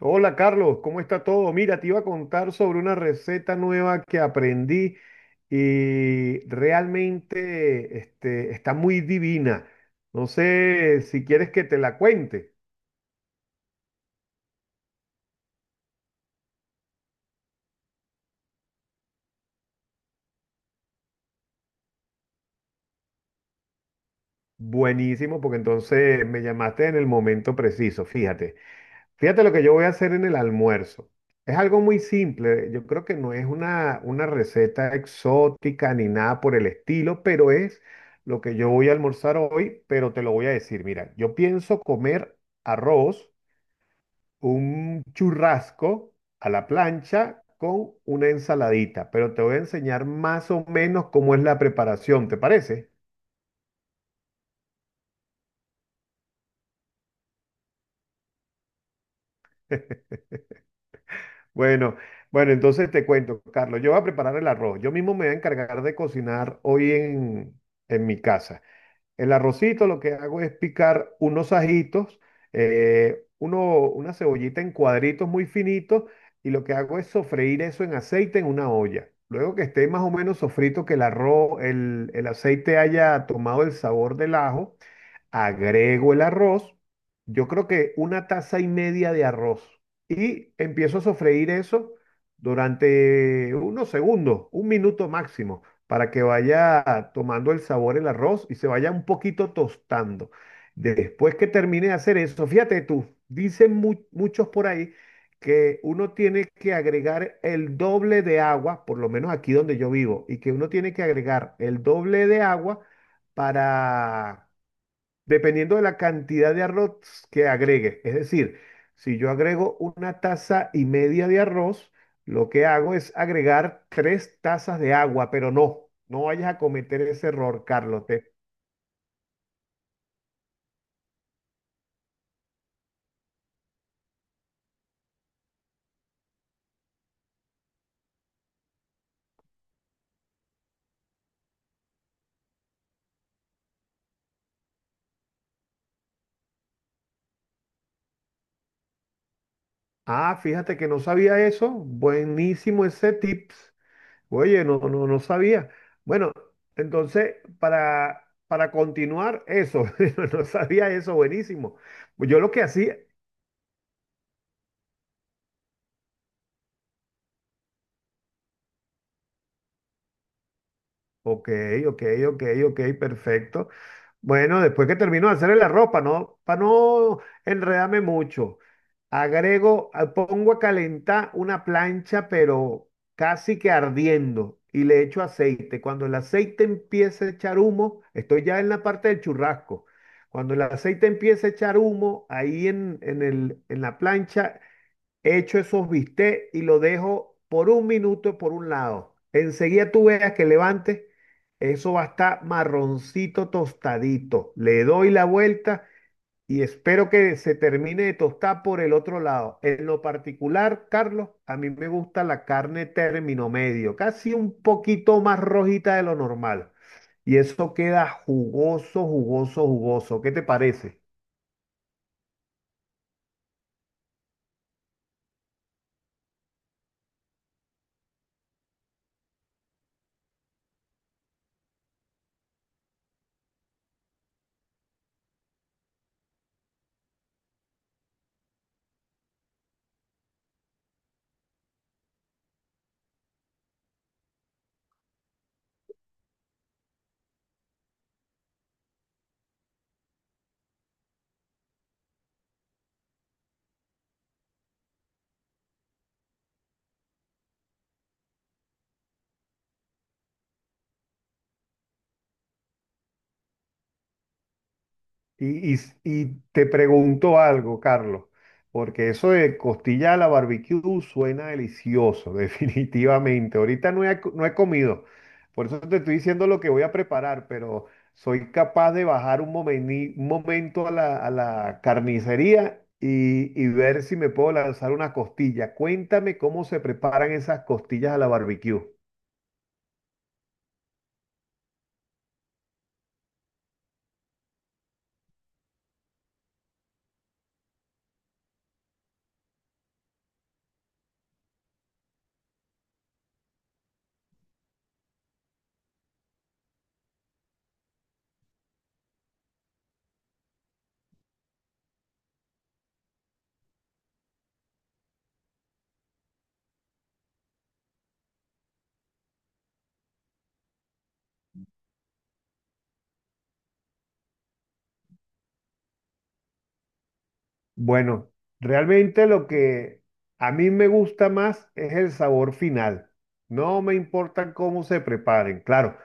Hola Carlos, ¿cómo está todo? Mira, te iba a contar sobre una receta nueva que aprendí y realmente está muy divina. No sé si quieres que te la cuente. Buenísimo, porque entonces me llamaste en el momento preciso, fíjate. Fíjate lo que yo voy a hacer en el almuerzo. Es algo muy simple, yo creo que no es una receta exótica ni nada por el estilo, pero es lo que yo voy a almorzar hoy, pero te lo voy a decir. Mira, yo pienso comer arroz, un churrasco a la plancha con una ensaladita, pero te voy a enseñar más o menos cómo es la preparación, ¿te parece? Bueno, bueno, entonces te cuento, Carlos, yo voy a preparar el arroz. Yo mismo me voy a encargar de cocinar hoy en mi casa. El arrocito lo que hago es picar unos ajitos, una cebollita en cuadritos muy finitos y lo que hago es sofreír eso en aceite en una olla. Luego que esté más o menos sofrito, que el aceite haya tomado el sabor del ajo, agrego el arroz, yo creo que una taza y media de arroz, y empiezo a sofreír eso durante unos segundos, un minuto máximo, para que vaya tomando el sabor el arroz y se vaya un poquito tostando. Después que termine de hacer eso, fíjate tú, dicen muchos por ahí que uno tiene que agregar el doble de agua, por lo menos aquí donde yo vivo, y que uno tiene que agregar el doble de agua para, dependiendo de la cantidad de arroz que agregue. Es decir, si yo agrego una taza y media de arroz, lo que hago es agregar tres tazas de agua, pero no, no vayas a cometer ese error, Carlos. Ah, fíjate que no sabía eso. Buenísimo ese tips. Oye, no, no, no sabía. Bueno, entonces, para continuar eso, no sabía eso, buenísimo. Yo lo que hacía. Ok, ok, ok, perfecto. Bueno, después que termino de hacerle la ropa, no, para no enredarme mucho, agrego, pongo a calentar una plancha, pero casi que ardiendo, y le echo aceite. Cuando el aceite empiece a echar humo, estoy ya en la parte del churrasco. Cuando el aceite empiece a echar humo, ahí en la plancha, echo esos bistecs y lo dejo por un minuto por un lado. Enseguida tú veas que levantes, eso va a estar marroncito tostadito. Le doy la vuelta y espero que se termine de tostar por el otro lado. En lo particular, Carlos, a mí me gusta la carne término medio, casi un poquito más rojita de lo normal. Y eso queda jugoso, jugoso, jugoso. ¿Qué te parece? Y te pregunto algo, Carlos, porque eso de costilla a la barbecue suena delicioso, definitivamente. Ahorita no he, no he comido, por eso te estoy diciendo lo que voy a preparar, pero soy capaz de bajar un momento a a la carnicería y ver si me puedo lanzar una costilla. Cuéntame cómo se preparan esas costillas a la barbecue. Bueno, realmente lo que a mí me gusta más es el sabor final. No me importa cómo se preparen. Claro,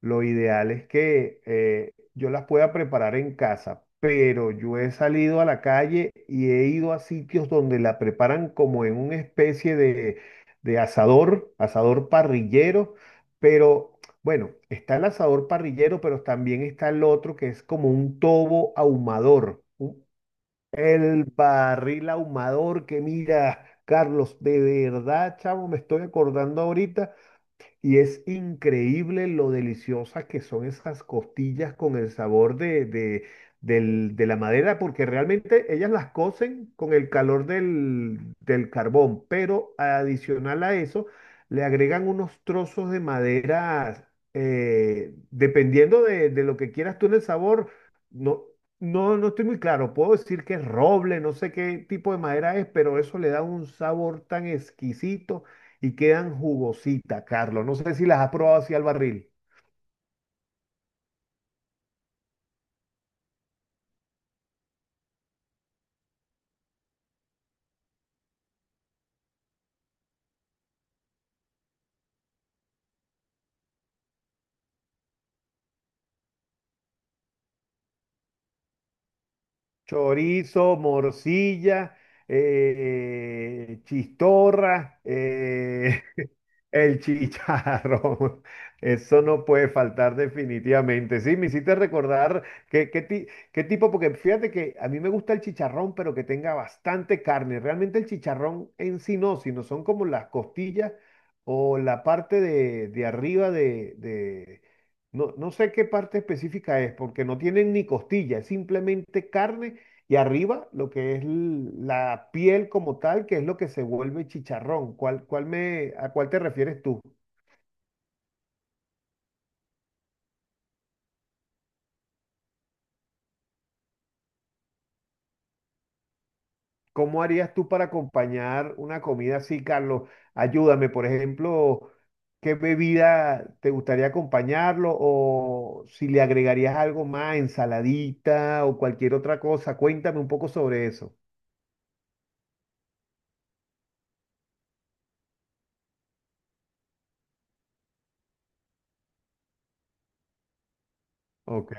lo ideal es que yo las pueda preparar en casa, pero yo he salido a la calle y he ido a sitios donde la preparan como en una especie de asador, asador parrillero, pero... Bueno, está el asador parrillero, pero también está el otro que es como un tobo ahumador. El barril ahumador que, mira, Carlos, de verdad, chavo, me estoy acordando ahorita y es increíble lo deliciosas que son esas costillas con el sabor de la madera, porque realmente ellas las cocen con el calor del carbón, pero adicional a eso, le agregan unos trozos de madera, dependiendo de lo que quieras tú en el sabor. No, no estoy muy claro, puedo decir que es roble, no sé qué tipo de madera es, pero eso le da un sabor tan exquisito y quedan jugositas, Carlos. No sé si las has probado así al barril. Chorizo, morcilla, chistorra, el chicharrón. Eso no puede faltar definitivamente. Sí, me hiciste recordar qué, qué, ti- qué tipo, porque fíjate que a mí me gusta el chicharrón, pero que tenga bastante carne. Realmente el chicharrón en sí no, sino son como las costillas o la parte de arriba no, no sé qué parte específica es, porque no tienen ni costilla, es simplemente carne y arriba, lo que es la piel como tal, que es lo que se vuelve chicharrón. ¿A cuál te refieres tú? ¿Cómo harías tú para acompañar una comida así, Carlos? Ayúdame, por ejemplo, ¿qué bebida te gustaría acompañarlo? O si le agregarías algo más, ensaladita o cualquier otra cosa. Cuéntame un poco sobre eso. Ok.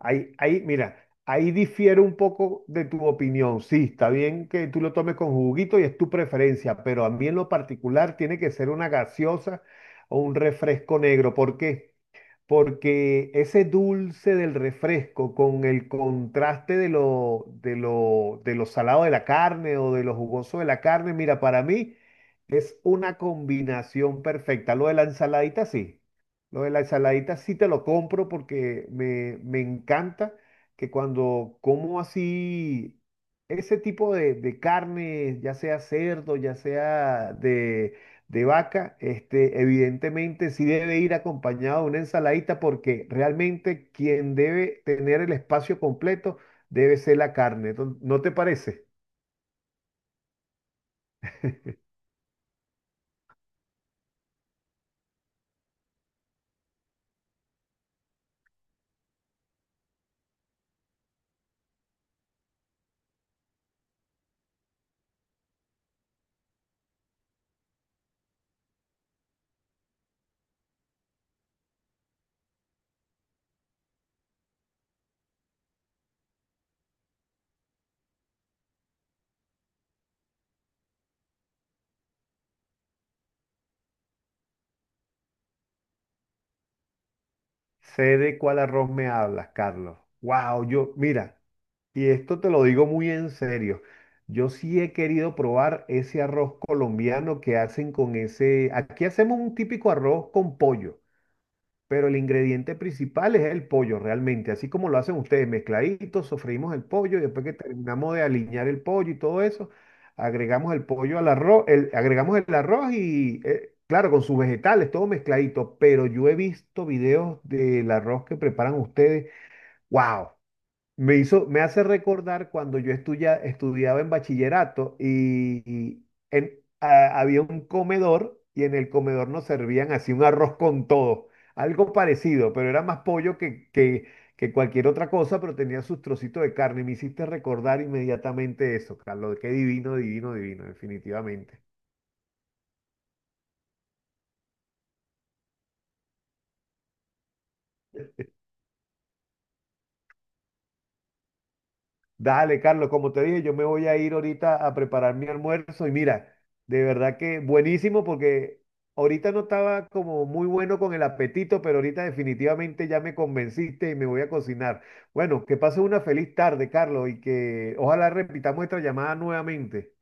Mira, ahí difiere un poco de tu opinión. Sí, está bien que tú lo tomes con juguito y es tu preferencia, pero a mí en lo particular tiene que ser una gaseosa o un refresco negro. ¿Por qué? Porque ese dulce del refresco con el contraste de de lo salado de la carne o de lo jugoso de la carne, mira, para mí es una combinación perfecta. Lo de la ensaladita sí te lo compro porque me encanta que cuando como así... Ese tipo de carne, ya sea cerdo, ya sea de vaca, este, evidentemente sí debe ir acompañado de una ensaladita porque realmente quien debe tener el espacio completo debe ser la carne. Entonces, ¿no te parece? Sé de cuál arroz me hablas, Carlos. Wow, yo, mira, y esto te lo digo muy en serio. Yo sí he querido probar ese arroz colombiano que hacen con ese. Aquí hacemos un típico arroz con pollo, pero el ingrediente principal es el pollo realmente, así como lo hacen ustedes, mezcladito, sofreímos el pollo y después que terminamos de aliñar el pollo y todo eso, agregamos el pollo al arroz, agregamos el arroz y, claro, con sus vegetales, todo mezcladito, pero yo he visto videos del arroz que preparan ustedes, wow, me hace recordar cuando yo estudiaba en bachillerato y en- había un comedor y en el comedor nos servían así un arroz con todo, algo parecido, pero era más pollo que cualquier otra cosa, pero tenía sus trocitos de carne. Y me hiciste recordar inmediatamente eso, Carlos, qué divino, divino, divino, definitivamente. Dale, Carlos, como te dije, yo me voy a ir ahorita a preparar mi almuerzo y mira, de verdad que buenísimo porque ahorita no estaba como muy bueno con el apetito, pero ahorita definitivamente ya me convenciste y me voy a cocinar. Bueno, que pases una feliz tarde, Carlos, y que ojalá repitamos esta llamada nuevamente.